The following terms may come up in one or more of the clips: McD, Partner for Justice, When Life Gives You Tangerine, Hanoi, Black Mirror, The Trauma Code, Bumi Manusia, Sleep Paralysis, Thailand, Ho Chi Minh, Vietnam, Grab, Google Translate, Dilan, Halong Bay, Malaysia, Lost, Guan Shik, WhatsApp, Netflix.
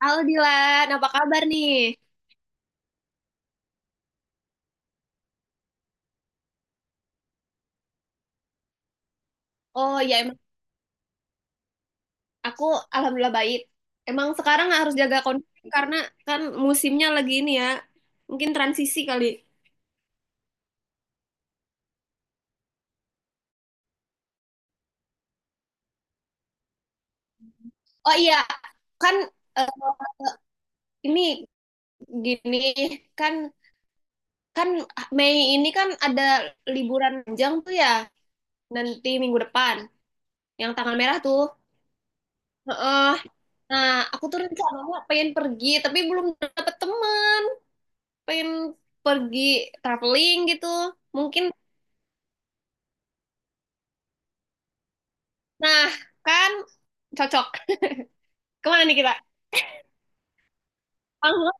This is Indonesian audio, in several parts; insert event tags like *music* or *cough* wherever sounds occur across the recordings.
Halo Dilan, apa kabar nih? Oh ya emang aku alhamdulillah baik. Emang sekarang harus jaga kondisi karena kan musimnya lagi ini ya, mungkin transisi kali. Oh iya, kan eh, ini gini kan kan Mei ini kan ada liburan panjang tuh ya, nanti minggu depan yang tanggal merah tuh. Heeh. Nah, aku tuh rencananya pengen pergi tapi belum dapet teman, pengen pergi traveling gitu. Mungkin Nah, kan cocok. Kemana nih kita? Kamu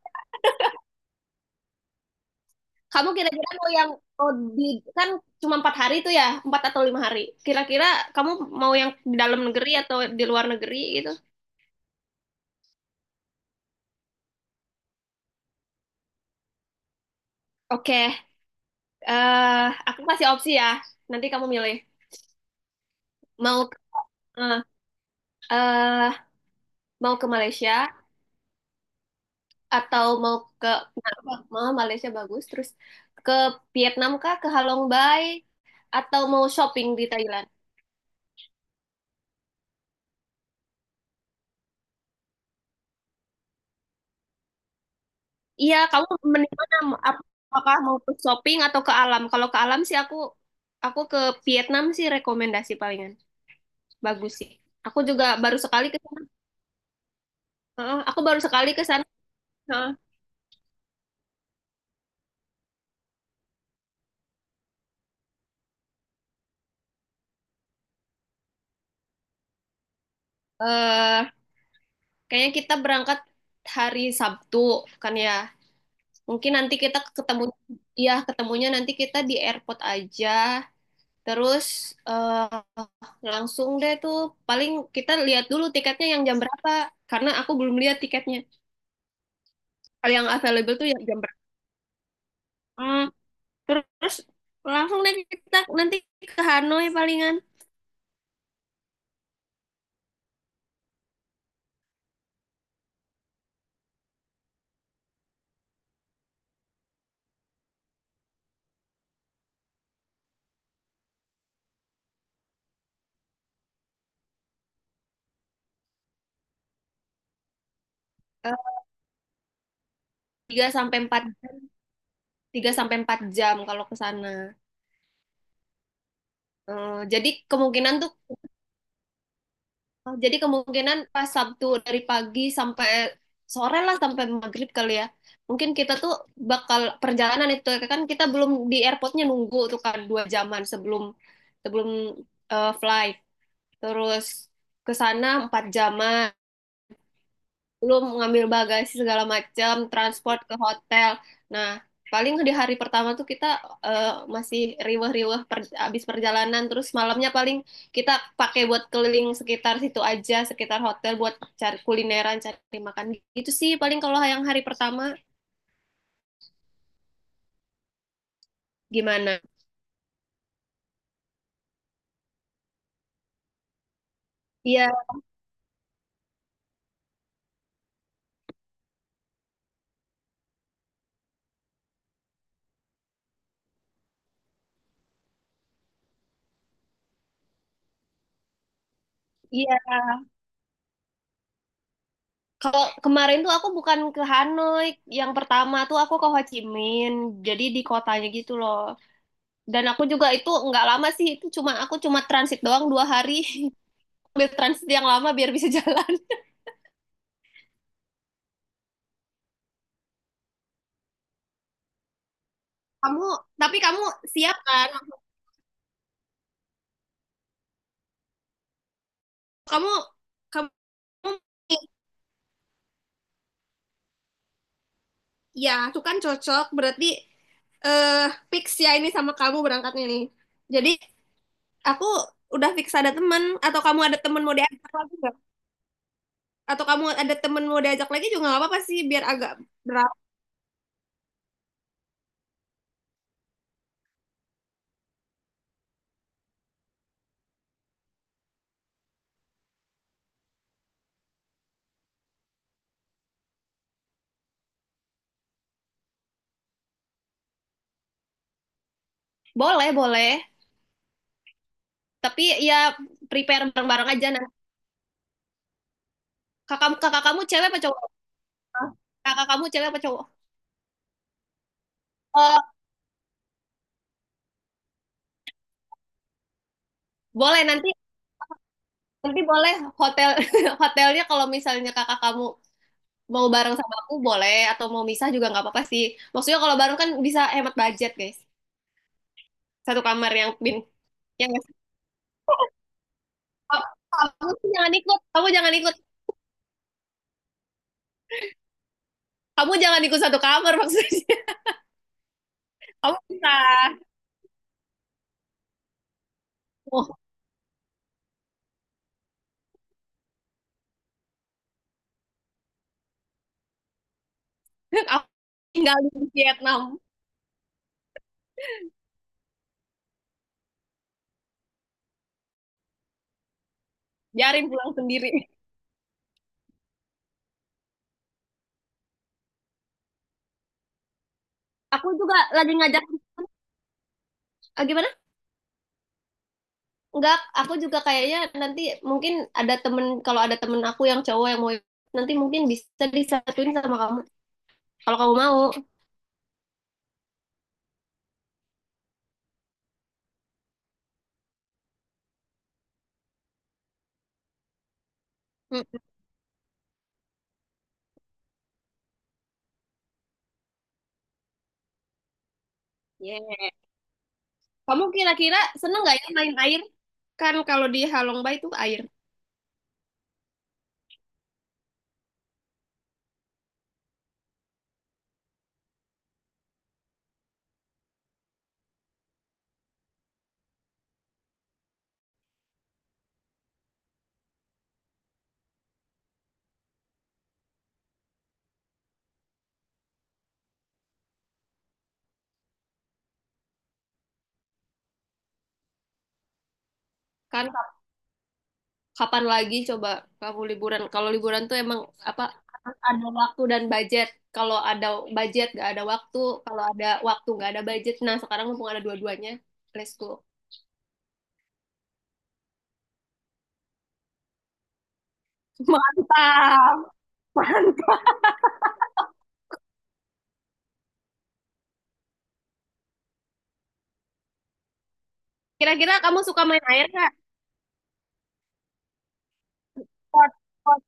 kamu kira-kira mau yang mau di kan cuma 4 hari tuh ya, 4 atau 5 hari. Kira-kira kamu mau yang di dalam negeri atau di luar negeri gitu? Oke, eh aku kasih opsi ya. Nanti kamu milih mau eh eh, mau ke Malaysia atau mau Malaysia bagus, terus ke Vietnam kah, ke Halong Bay, atau mau shopping di Thailand? Iya, kamu mending mana? Ap- Apakah mau ke shopping atau ke alam? Kalau ke alam sih aku ke Vietnam sih rekomendasi palingan. Bagus sih. Aku juga baru sekali ke sana. Heeh, aku baru sekali ke sana. Heeh. Eh, Kayaknya kita berangkat hari Sabtu kan ya. Mungkin nanti kita ketemu, ya ketemunya nanti kita di airport aja. Terus eh, langsung deh tuh, paling kita lihat dulu tiketnya yang jam berapa, karena aku belum lihat tiketnya yang available tuh yang jam. Hmm, Terus langsung deh kita nanti ke Hanoi palingan. Eh, 3 sampai empat 3 sampai 4 jam kalau ke sana. Jadi kemungkinan tuh jadi kemungkinan pas Sabtu dari pagi sampai sore lah, sampai maghrib kali ya. Mungkin kita tuh bakal perjalanan itu ya. Kan kita belum, di airportnya nunggu tuh kan 2 jaman sebelum sebelum eh, flight. Terus ke sana 4 jaman. Belum ngambil bagasi segala macam, transport ke hotel. Nah, paling di hari pertama tuh kita eh, masih riweh-riweh, abis perjalanan, terus malamnya paling kita pakai buat keliling sekitar situ aja, sekitar hotel buat cari kulineran, cari makan gitu sih. Paling kalau yang hari pertama gimana? Iya, iya. Kalau kemarin tuh aku bukan ke Hanoi, yang pertama tuh aku ke Ho Chi Minh, jadi di kotanya gitu loh. Dan aku juga itu nggak lama sih, itu cuma aku cuma transit doang 2 hari. *laughs* Ambil transit yang lama biar bisa jalan. *laughs* Kamu, tapi kamu siap kan? Kamu, kamu, Ya, itu kan cocok. Berarti eh fix ya ini sama kamu berangkatnya nih. Jadi aku udah fix ada temen, atau kamu ada temen mau diajak lagi nggak? Atau kamu ada temen mau diajak lagi juga nggak apa-apa sih, biar agak berat. Boleh, boleh. Tapi ya prepare bareng-bareng aja. Nah, kakak kamu cewek apa cowok? Kakak kamu cewek apa cowok? Eh, boleh nanti nanti boleh hotel *laughs* hotelnya kalau misalnya kakak kamu mau bareng sama aku boleh, atau mau misah juga nggak apa-apa sih. Maksudnya kalau bareng kan bisa hemat budget guys. Satu kamar yang bin yang Kamu tuh jangan ikut, kamu jangan ikut, kamu jangan ikut satu kamar maksudnya. *laughs* Kamu bisa. Oh, *laughs* aku tinggal di Vietnam, biarin pulang sendiri. Aku juga lagi ngajak, eh, gimana Enggak, aku juga kayaknya nanti mungkin ada temen, kalau ada temen aku yang cowok yang mau nanti mungkin bisa disatuin sama kamu, kalau kamu mau. Mm, yeah. Kamu kira-kira seneng nggak ya main air? Kan kalau di Halongba itu air. Kan kapan lagi coba kamu liburan? Kalau liburan tuh emang apa ada waktu dan budget. Kalau ada budget nggak ada waktu. Kalau ada waktu nggak ada budget. Nah sekarang mumpung ada dua-duanya, let's go. *laughs* Mantap. Mantap. Kira-kira kamu suka main air nggak? Port, port,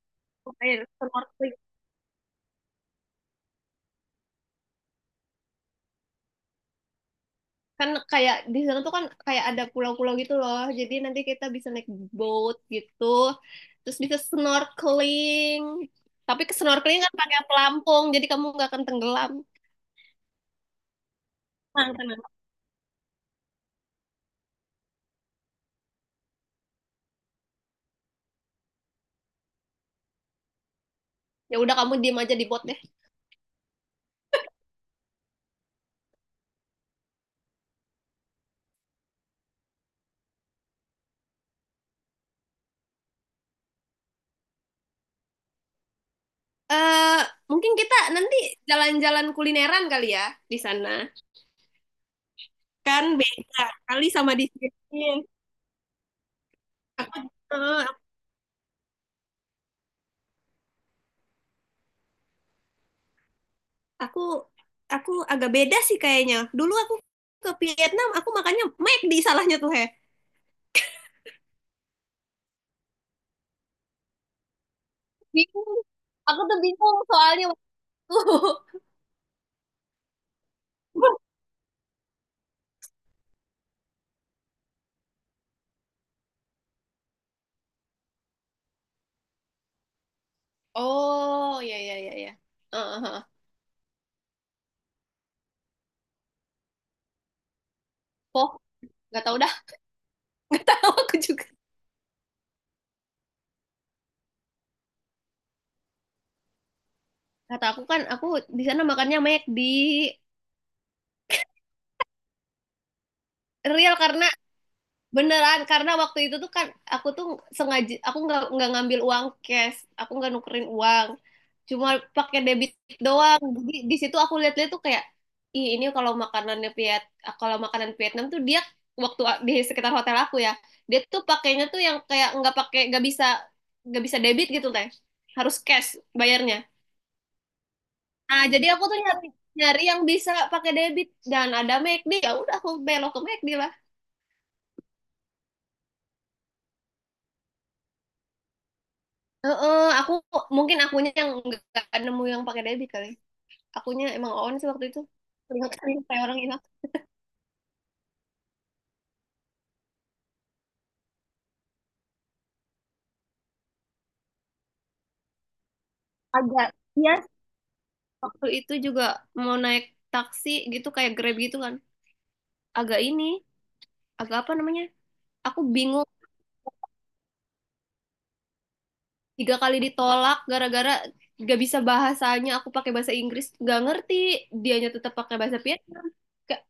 air, snorkeling. Kan kayak di sana tuh kan kayak ada pulau-pulau gitu loh. Jadi nanti kita bisa naik boat gitu. Terus bisa snorkeling. Tapi ke snorkeling kan pakai pelampung, jadi kamu nggak akan tenggelam. Tenang, tenang. Ya udah kamu diem aja di bot deh. Eh, Mungkin kita nanti jalan-jalan kulineran kali ya di sana. Kan beda kali sama di sini. Aku, eh, aku aku agak beda sih kayaknya. Dulu aku ke Vietnam, aku makannya McD salahnya tuh, Heh. Bingung. Aku tuh bingung soalnya waktu. *laughs* Oh, ya ya ya ya. Heeh, heeh. Oh, nggak tahu dah. *laughs* Tahu aku juga. Kata aku kan, aku di sana makannya McD. Real karena Beneran, karena waktu itu tuh kan aku tuh sengaja aku nggak ngambil uang cash, aku nggak nukerin uang, cuma pakai debit doang. Jadi di situ aku lihat-lihat tuh kayak, ih ini kalau makanan Vietnam tuh dia waktu di sekitar hotel aku ya, dia tuh pakainya tuh yang kayak nggak bisa debit gitu teh, harus cash bayarnya. Nah jadi aku tuh nyari nyari yang bisa pakai debit, dan ada McD, ya udah aku belok ke McD. Heeh, aku mungkin akunya yang nggak nemu yang pakai debit kali. Akunya emang on sih waktu itu. Kelihatan kayak orang hilang. Agak iya. Waktu itu juga mau naik taksi gitu kayak Grab gitu kan. Agak ini, agak apa namanya? Aku bingung, tiga kali ditolak gara-gara gak bisa bahasanya. Aku pakai bahasa Inggris, gak ngerti. Dianya tetap pakai bahasa Vietnam. Gak-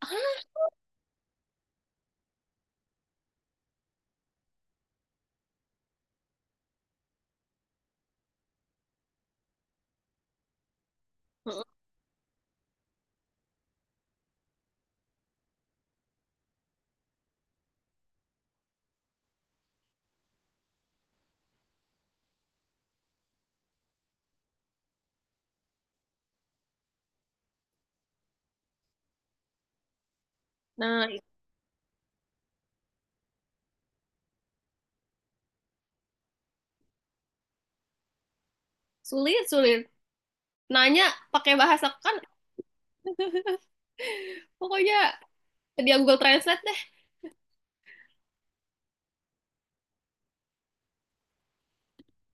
Heeh. Nah, sulit sulit. Nanya pakai bahasa kan, pokoknya dia Google Translate.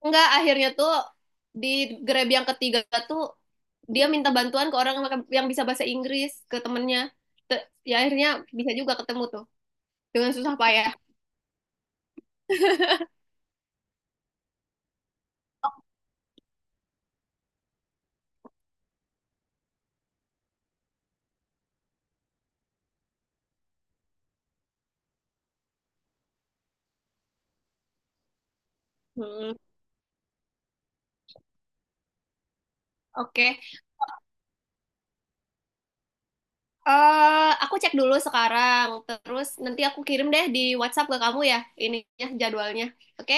Enggak, akhirnya tuh di Grab yang ketiga tuh dia minta bantuan ke orang yang bisa bahasa Inggris, ke temennya. Ya akhirnya bisa juga ketemu tuh dengan susah payah. Hmm, Oke, aku cek dulu sekarang. Terus nanti aku kirim deh di WhatsApp ke kamu ya ininya jadwalnya. Oke?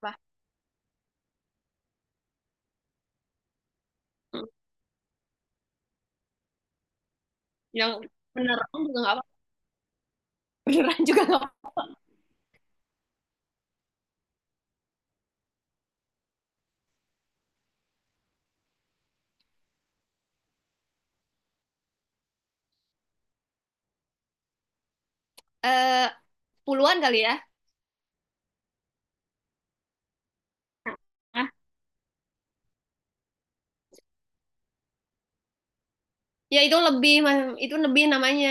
Bah, hmm, Yang beneran juga nggak apa, *laughs* beneran juga nggak apa. Eh, Puluhan kali ya? Ah, ya itu lebih, Mas. Itu lebih namanya.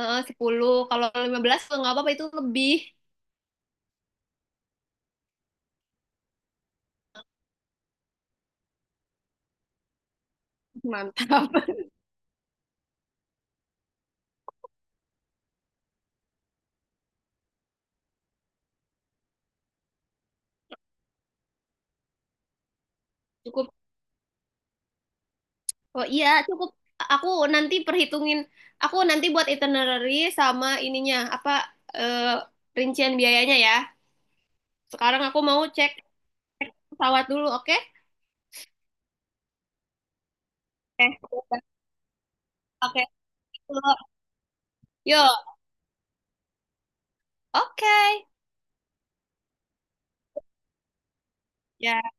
10, kalau 15 kalau nggak apa-apa itu lebih. Mantap. *laughs* Cukup. Oh iya, cukup. Aku nanti perhitungin. Aku nanti buat itinerary sama ininya apa, eh, rincian biayanya ya. Sekarang aku mau cek pesawat dulu, oke? Oke. Oke. Yuk, oke. Ya.